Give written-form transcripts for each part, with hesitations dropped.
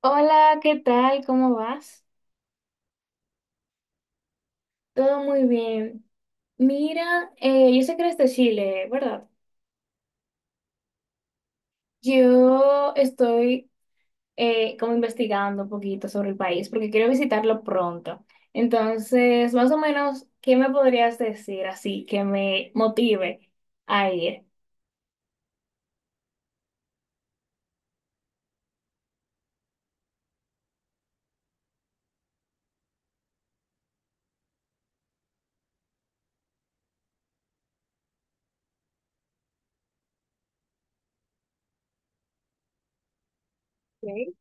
Hola, ¿qué tal? ¿Cómo vas? Todo muy bien. Mira, yo sé que eres de Chile, ¿verdad? Yo estoy como investigando un poquito sobre el país porque quiero visitarlo pronto. Entonces, más o menos, ¿qué me podrías decir así que me motive a ir? Ok.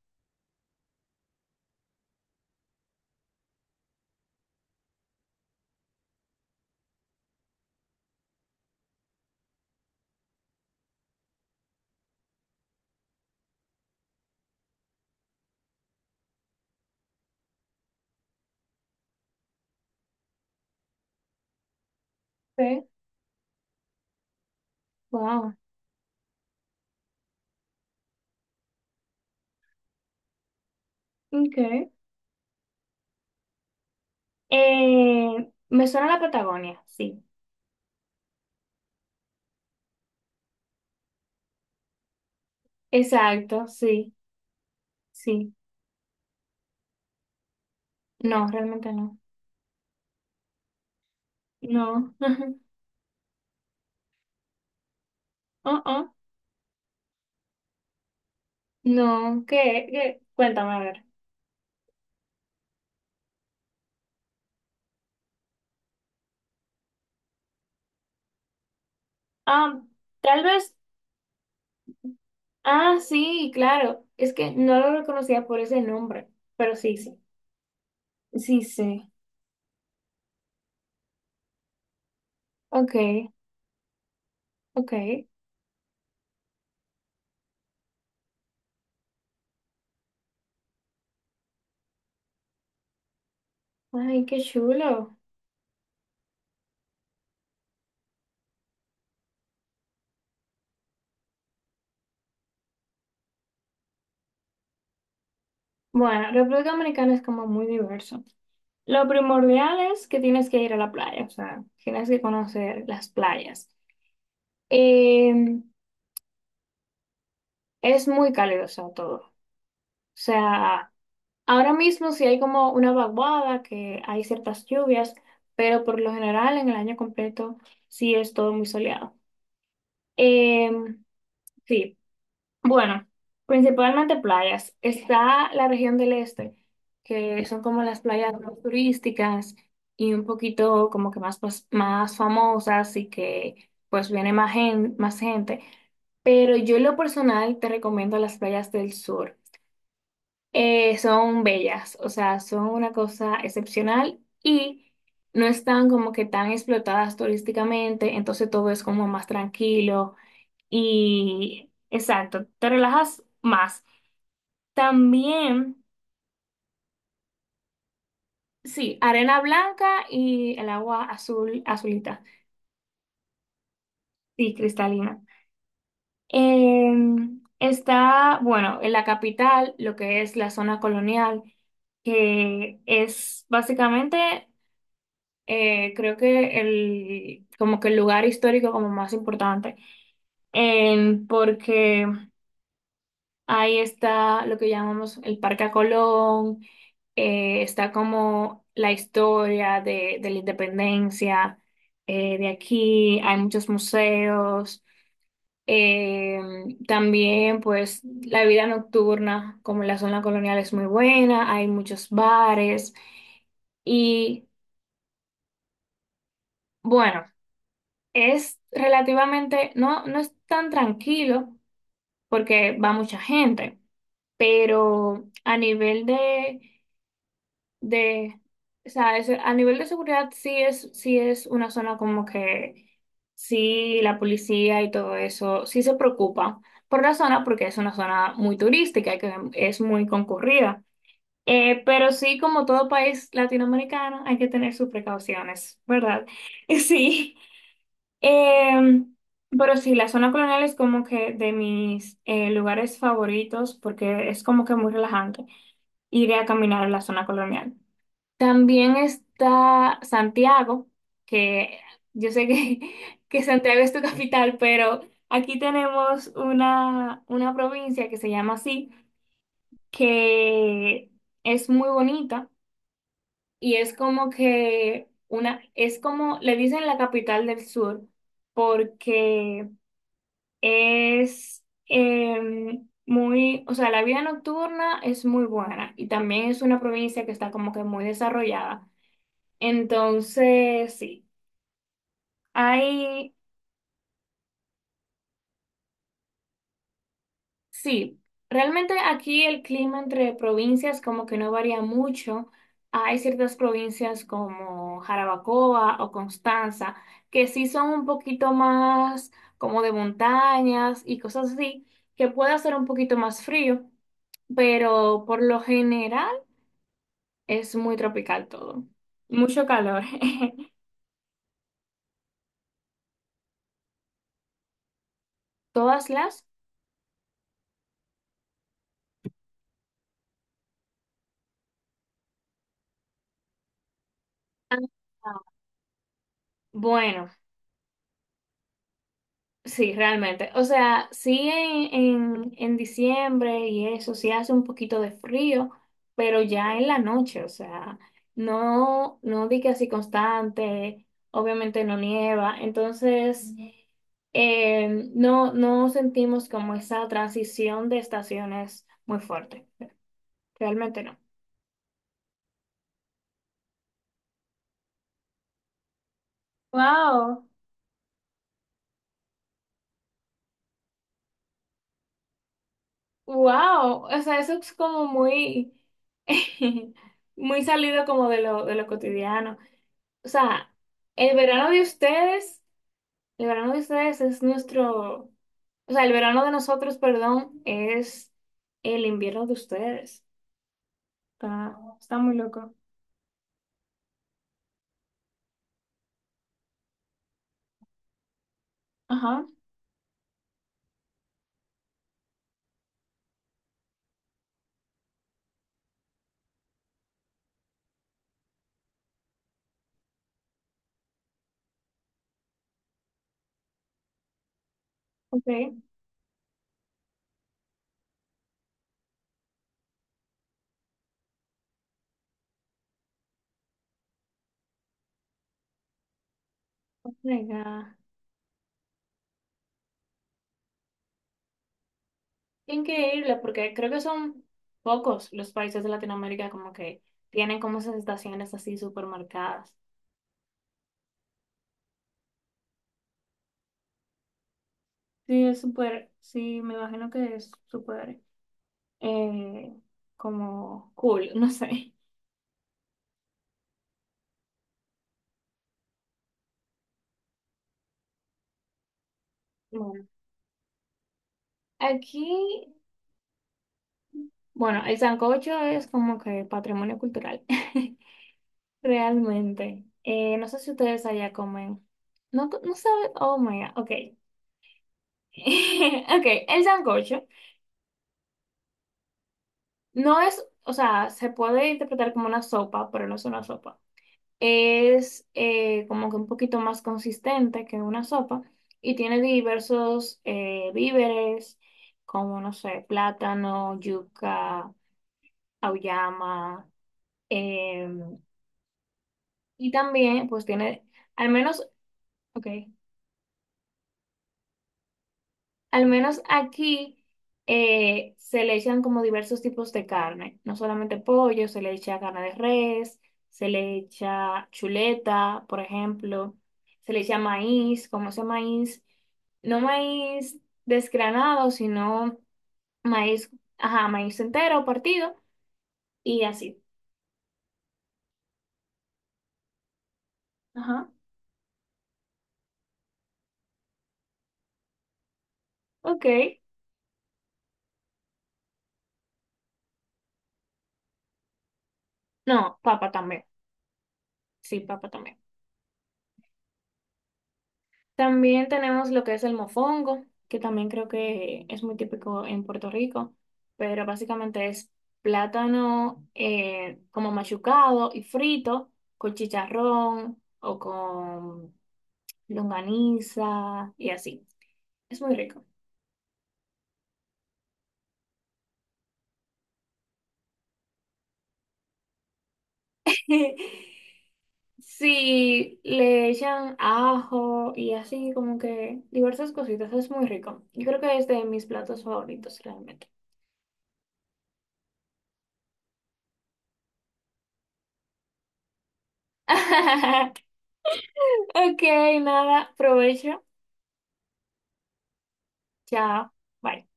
Sí, wow. Okay. Me suena la Patagonia, sí. Exacto, sí, sí. No, realmente no. No. Uh-uh. No, ¿qué? ¿Qué? Cuéntame, a ver. Ah, tal vez. Ah, sí, claro. Es que no lo reconocía por ese nombre, pero sí, sí. Sí, sí. Ok, ok. Ay, qué chulo. Bueno, República Dominicana es como muy diverso. Lo primordial es que tienes que ir a la playa, o sea, tienes que conocer las playas. Eh, es muy cálido, o sea, todo. O sea, ahora mismo sí hay como una vaguada, que hay ciertas lluvias, pero por lo general en el año completo sí es todo muy soleado. Em, sí, bueno, principalmente playas. Está la región del este, que son como las playas más turísticas y un poquito como que más, pues, más famosas y que pues viene más, más gente. Pero yo en lo personal te recomiendo las playas del sur, son bellas, o sea, son una cosa excepcional y no están como que tan explotadas turísticamente, entonces todo es como más tranquilo y exacto, te relajas más. También, sí, arena blanca y el agua azul, azulita, sí, cristalina. Está, bueno, en la capital, lo que es la zona colonial, que es básicamente, creo que el, como que el lugar histórico como más importante, porque ahí está lo que llamamos el Parque a Colón, está como la historia de la independencia, de aquí, hay muchos museos, eh, también pues la vida nocturna, como la zona colonial es muy buena, hay muchos bares y... Bueno, es relativamente, no, no es tan tranquilo porque va mucha gente, pero a nivel de, o sea, a nivel de seguridad sí es una zona como que sí la policía y todo eso sí se preocupa por la zona porque es una zona muy turística y que es muy concurrida. Pero sí, como todo país latinoamericano, hay que tener sus precauciones, ¿verdad? Sí. Em, pero sí, la zona colonial es como que de mis lugares favoritos porque es como que muy relajante ir a caminar en la zona colonial. También está Santiago, que yo sé que, que Santiago es tu capital, pero aquí tenemos una provincia que se llama así, que es muy bonita y es como que una, es como, le dicen la capital del sur porque es muy, o sea, la vida nocturna es muy buena y también es una provincia que está como que muy desarrollada. Entonces, sí, hay... Sí, realmente aquí el clima entre provincias como que no varía mucho. Hay ciertas provincias como Jarabacoa o Constanza que sí son un poquito más como de montañas y cosas así, que puede hacer un poquito más frío, pero por lo general es muy tropical todo. Mucho calor. Todas las... Ah, bueno. Sí, realmente. O sea, sí en diciembre y eso, sí hace un poquito de frío, pero ya en la noche, o sea, no, no di que así constante, obviamente no nieva, entonces ujú. eh, no, no sentimos como esa transición de estaciones muy fuerte, realmente no. Wow, wow, o sea, eso es como muy, muy salido como de lo cotidiano. O sea, el verano de ustedes, el verano de ustedes es nuestro, o sea, el verano de nosotros, perdón, es el invierno de ustedes. Está, está muy loco. Ajá, ok. Venga. Increíble, porque creo que son pocos los países de Latinoamérica como que tienen como esas estaciones así súper marcadas. Sí, es súper, sí, me imagino que es súper, eh, como cool, no sé. Bueno, aquí... Bueno, el sancocho es como que patrimonio cultural, realmente. No sé si ustedes allá comen. No, no sabe. Oh my God, ok. Ok, el sancocho no es, o sea, se puede interpretar como una sopa, pero no es una sopa. Es como que un poquito más consistente que una sopa y tiene diversos víveres, como, no sé, plátano, yuca, auyama. em, Y también, pues tiene, al menos, ok, al menos aquí, se le echan como diversos tipos de carne, no solamente pollo, se le echa carne de res, se le echa chuleta, por ejemplo, se le echa maíz, como ese maíz, no maíz desgranado, sino maíz, ajá, maíz entero, partido, y así. Ajá, ok. No, papa también, sí, papa también. También tenemos lo que es el mofongo, que también creo que es muy típico en Puerto Rico, pero básicamente es plátano, como machucado y frito con chicharrón o con longaniza y así. Es muy rico. Sí, le echan ajo y así como que diversas cositas, es muy rico. Yo creo que es de mis platos favoritos realmente. Ok, nada, provecho. Chao. Bye.